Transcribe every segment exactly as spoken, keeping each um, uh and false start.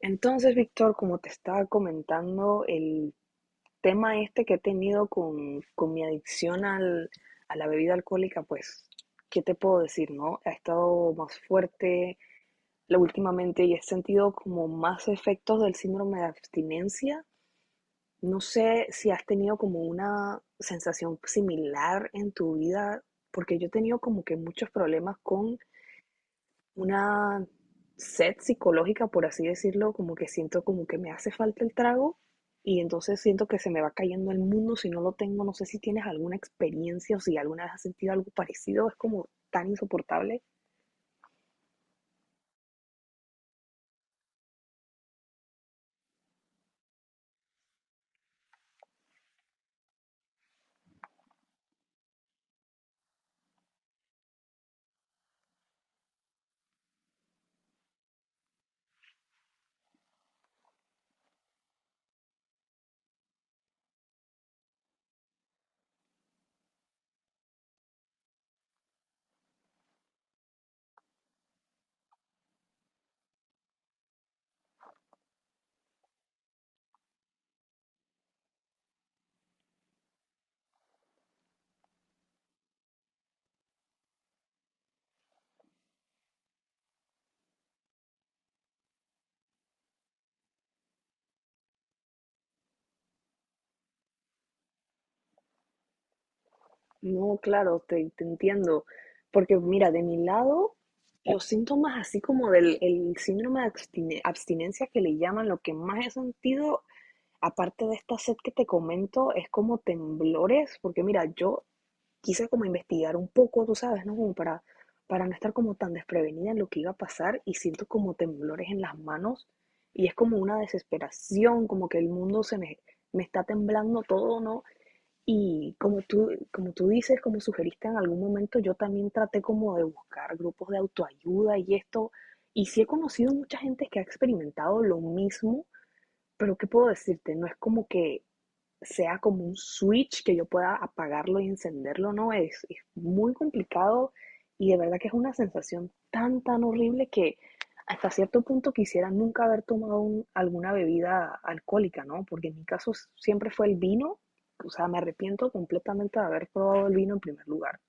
Entonces, Víctor, como te estaba comentando, el tema este que he tenido con, con mi adicción al, a la bebida alcohólica, pues, ¿qué te puedo decir, no? Ha estado más fuerte la- últimamente y he sentido como más efectos del síndrome de abstinencia. No sé si has tenido como una sensación similar en tu vida, porque yo he tenido como que muchos problemas con una sed psicológica, por así decirlo, como que siento como que me hace falta el trago y entonces siento que se me va cayendo el mundo si no lo tengo. No sé si tienes alguna experiencia o si alguna vez has sentido algo parecido, es como tan insoportable. No, claro, te, te entiendo, porque mira, de mi lado, los síntomas así como del el síndrome de abstine- abstinencia que le llaman, lo que más he sentido, aparte de esta sed que te comento, es como temblores, porque mira, yo quise como investigar un poco, tú sabes, ¿no? Como para, para no estar como tan desprevenida en lo que iba a pasar y siento como temblores en las manos y es como una desesperación, como que el mundo se me, me está temblando todo, ¿no? Y como tú, como tú dices, como sugeriste en algún momento, yo también traté como de buscar grupos de autoayuda y esto, y sí he conocido mucha gente que ha experimentado lo mismo, pero ¿qué puedo decirte? No es como que sea como un switch que yo pueda apagarlo y encenderlo, no, es, es muy complicado y de verdad que es una sensación tan, tan horrible que hasta cierto punto quisiera nunca haber tomado un- alguna bebida alcohólica, ¿no? Porque en mi caso siempre fue el vino, o sea, me arrepiento completamente de haber probado el vino en primer lugar.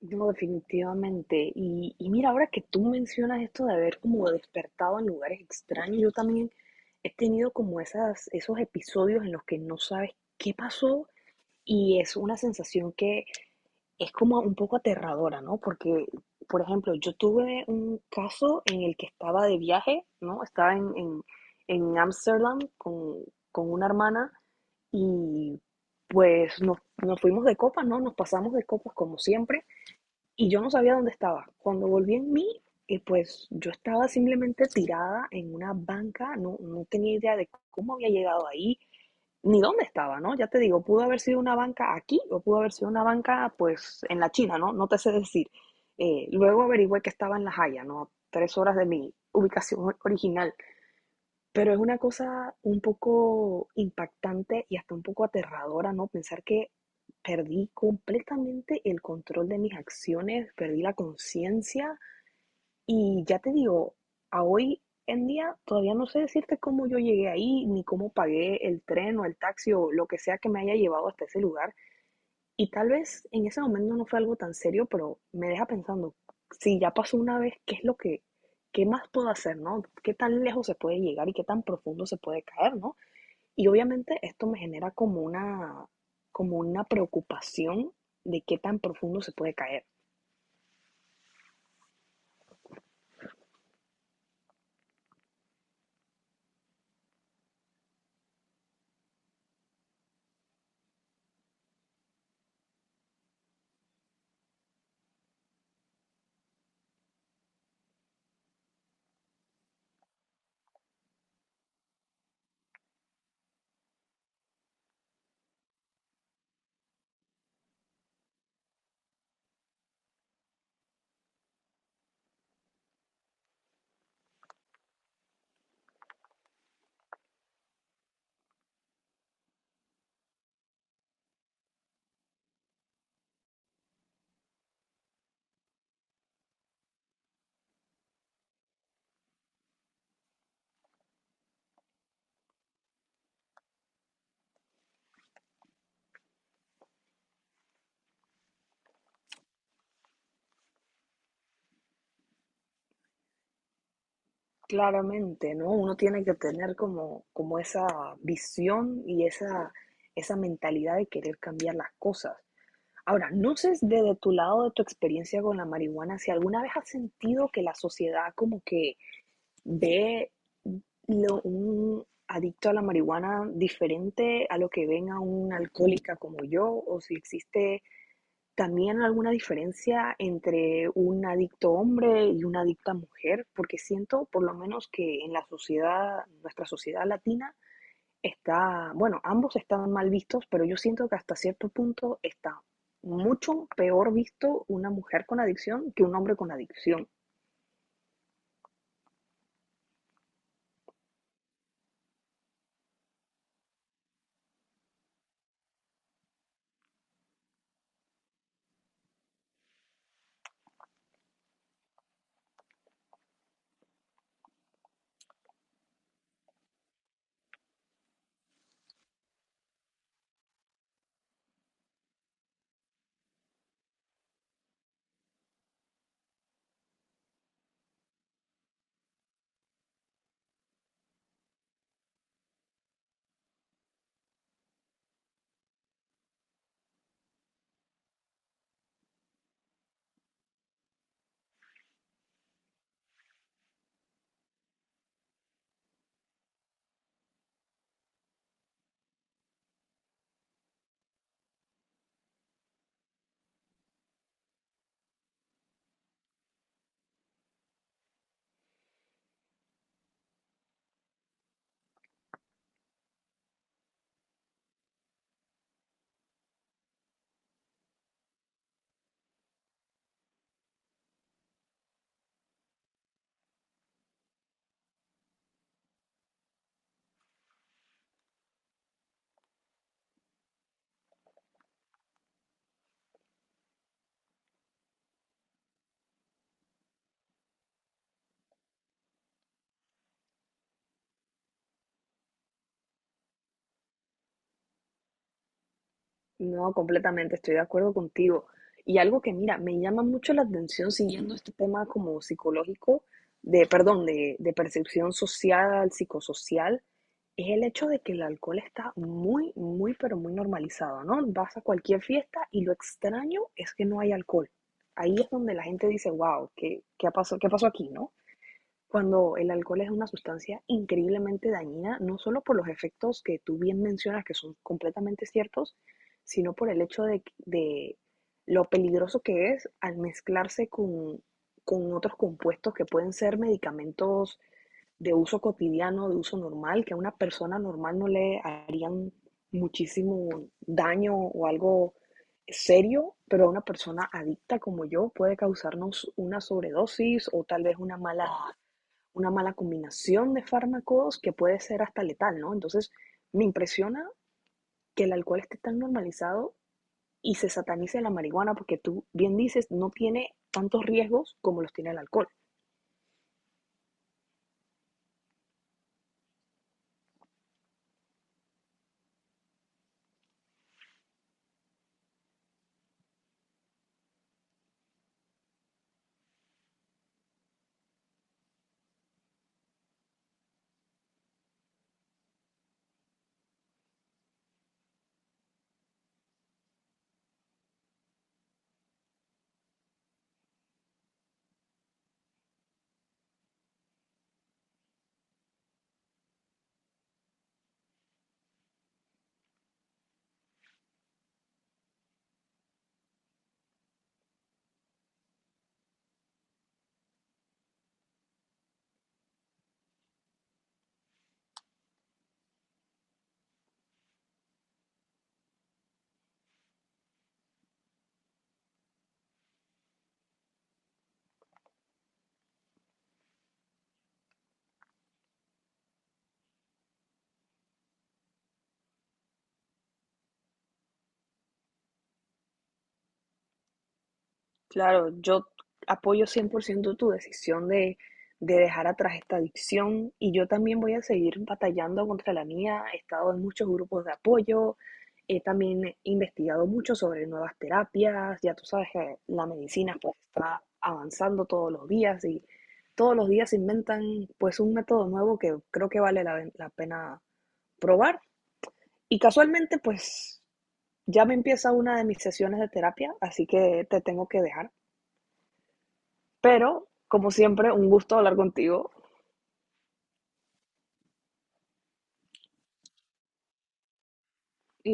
No, definitivamente. Y, y mira, ahora que tú mencionas esto de haber como despertado en lugares extraños, yo también he tenido como esas, esos episodios en los que no sabes qué pasó y es una sensación que es como un poco aterradora, ¿no? Porque, por ejemplo, yo tuve un caso en el que estaba de viaje, ¿no? Estaba en, en, en Ámsterdam con, con una hermana y pues nos, nos fuimos de copas, ¿no? Nos pasamos de copas como siempre y yo no sabía dónde estaba. Cuando volví en mí, eh, pues yo estaba simplemente tirada en una banca, no, no tenía idea de cómo había llegado ahí, ni dónde estaba, ¿no? Ya te digo, pudo haber sido una banca aquí o pudo haber sido una banca pues en la China, ¿no? No te sé decir. Eh, luego averigüé que estaba en La Haya, ¿no? Tres horas de mi ubicación original. Pero es una cosa un poco impactante y hasta un poco aterradora, ¿no? Pensar que perdí completamente el control de mis acciones, perdí la conciencia y ya te digo, a hoy en día todavía no sé decirte cómo yo llegué ahí, ni cómo pagué el tren o el taxi o lo que sea que me haya llevado hasta ese lugar. Y tal vez en ese momento no fue algo tan serio, pero me deja pensando, si ya pasó una vez, ¿qué es lo que, qué más puedo hacer, no? ¿Qué tan lejos se puede llegar y qué tan profundo se puede caer, no? Y obviamente esto me genera como una, como una preocupación de qué tan profundo se puede caer. Claramente, ¿no? Uno tiene que tener como, como esa visión y esa, esa mentalidad de querer cambiar las cosas. Ahora, no sé desde tu lado, de tu experiencia con la marihuana, si alguna vez has sentido que la sociedad como que ve lo- un adicto a la marihuana diferente a lo que ven a una alcohólica como yo, o si existe también alguna diferencia entre un adicto hombre y una adicta mujer, porque siento por lo menos que en la sociedad, nuestra sociedad latina, está, bueno, ambos están mal vistos, pero yo siento que hasta cierto punto está mucho peor visto una mujer con adicción que un hombre con adicción. No, completamente, estoy de acuerdo contigo. Y algo que, mira, me llama mucho la atención siguiendo este tema como psicológico, de, perdón, de, de percepción social, psicosocial, es el hecho de que el alcohol está muy, muy, pero muy normalizado, ¿no? Vas a cualquier fiesta y lo extraño es que no hay alcohol. Ahí es donde la gente dice, wow, ¿qué, qué ha pasó, qué pasó aquí, ¿no? Cuando el alcohol es una sustancia increíblemente dañina, no solo por los efectos que tú bien mencionas, que son completamente ciertos, sino por el hecho de, de lo peligroso que es al mezclarse con, con otros compuestos que pueden ser medicamentos de uso cotidiano, de uso normal, que a una persona normal no le harían muchísimo daño o algo serio, pero a una persona adicta como yo puede causarnos una sobredosis o tal vez una mala una mala combinación de fármacos que puede ser hasta letal, ¿no? Entonces, me impresiona que el alcohol esté tan normalizado y se satanice la marihuana porque tú bien dices, no tiene tantos riesgos como los tiene el alcohol. Claro, yo apoyo cien por ciento tu decisión de, de dejar atrás esta adicción y yo también voy a seguir batallando contra la mía. He estado en muchos grupos de apoyo, he también investigado mucho sobre nuevas terapias. Ya tú sabes que la medicina pues está avanzando todos los días y todos los días se inventan pues un método nuevo que creo que vale la, la pena probar. Y casualmente pues ya me empieza una de mis sesiones de terapia, así que te tengo que dejar. Pero, como siempre, un gusto hablar contigo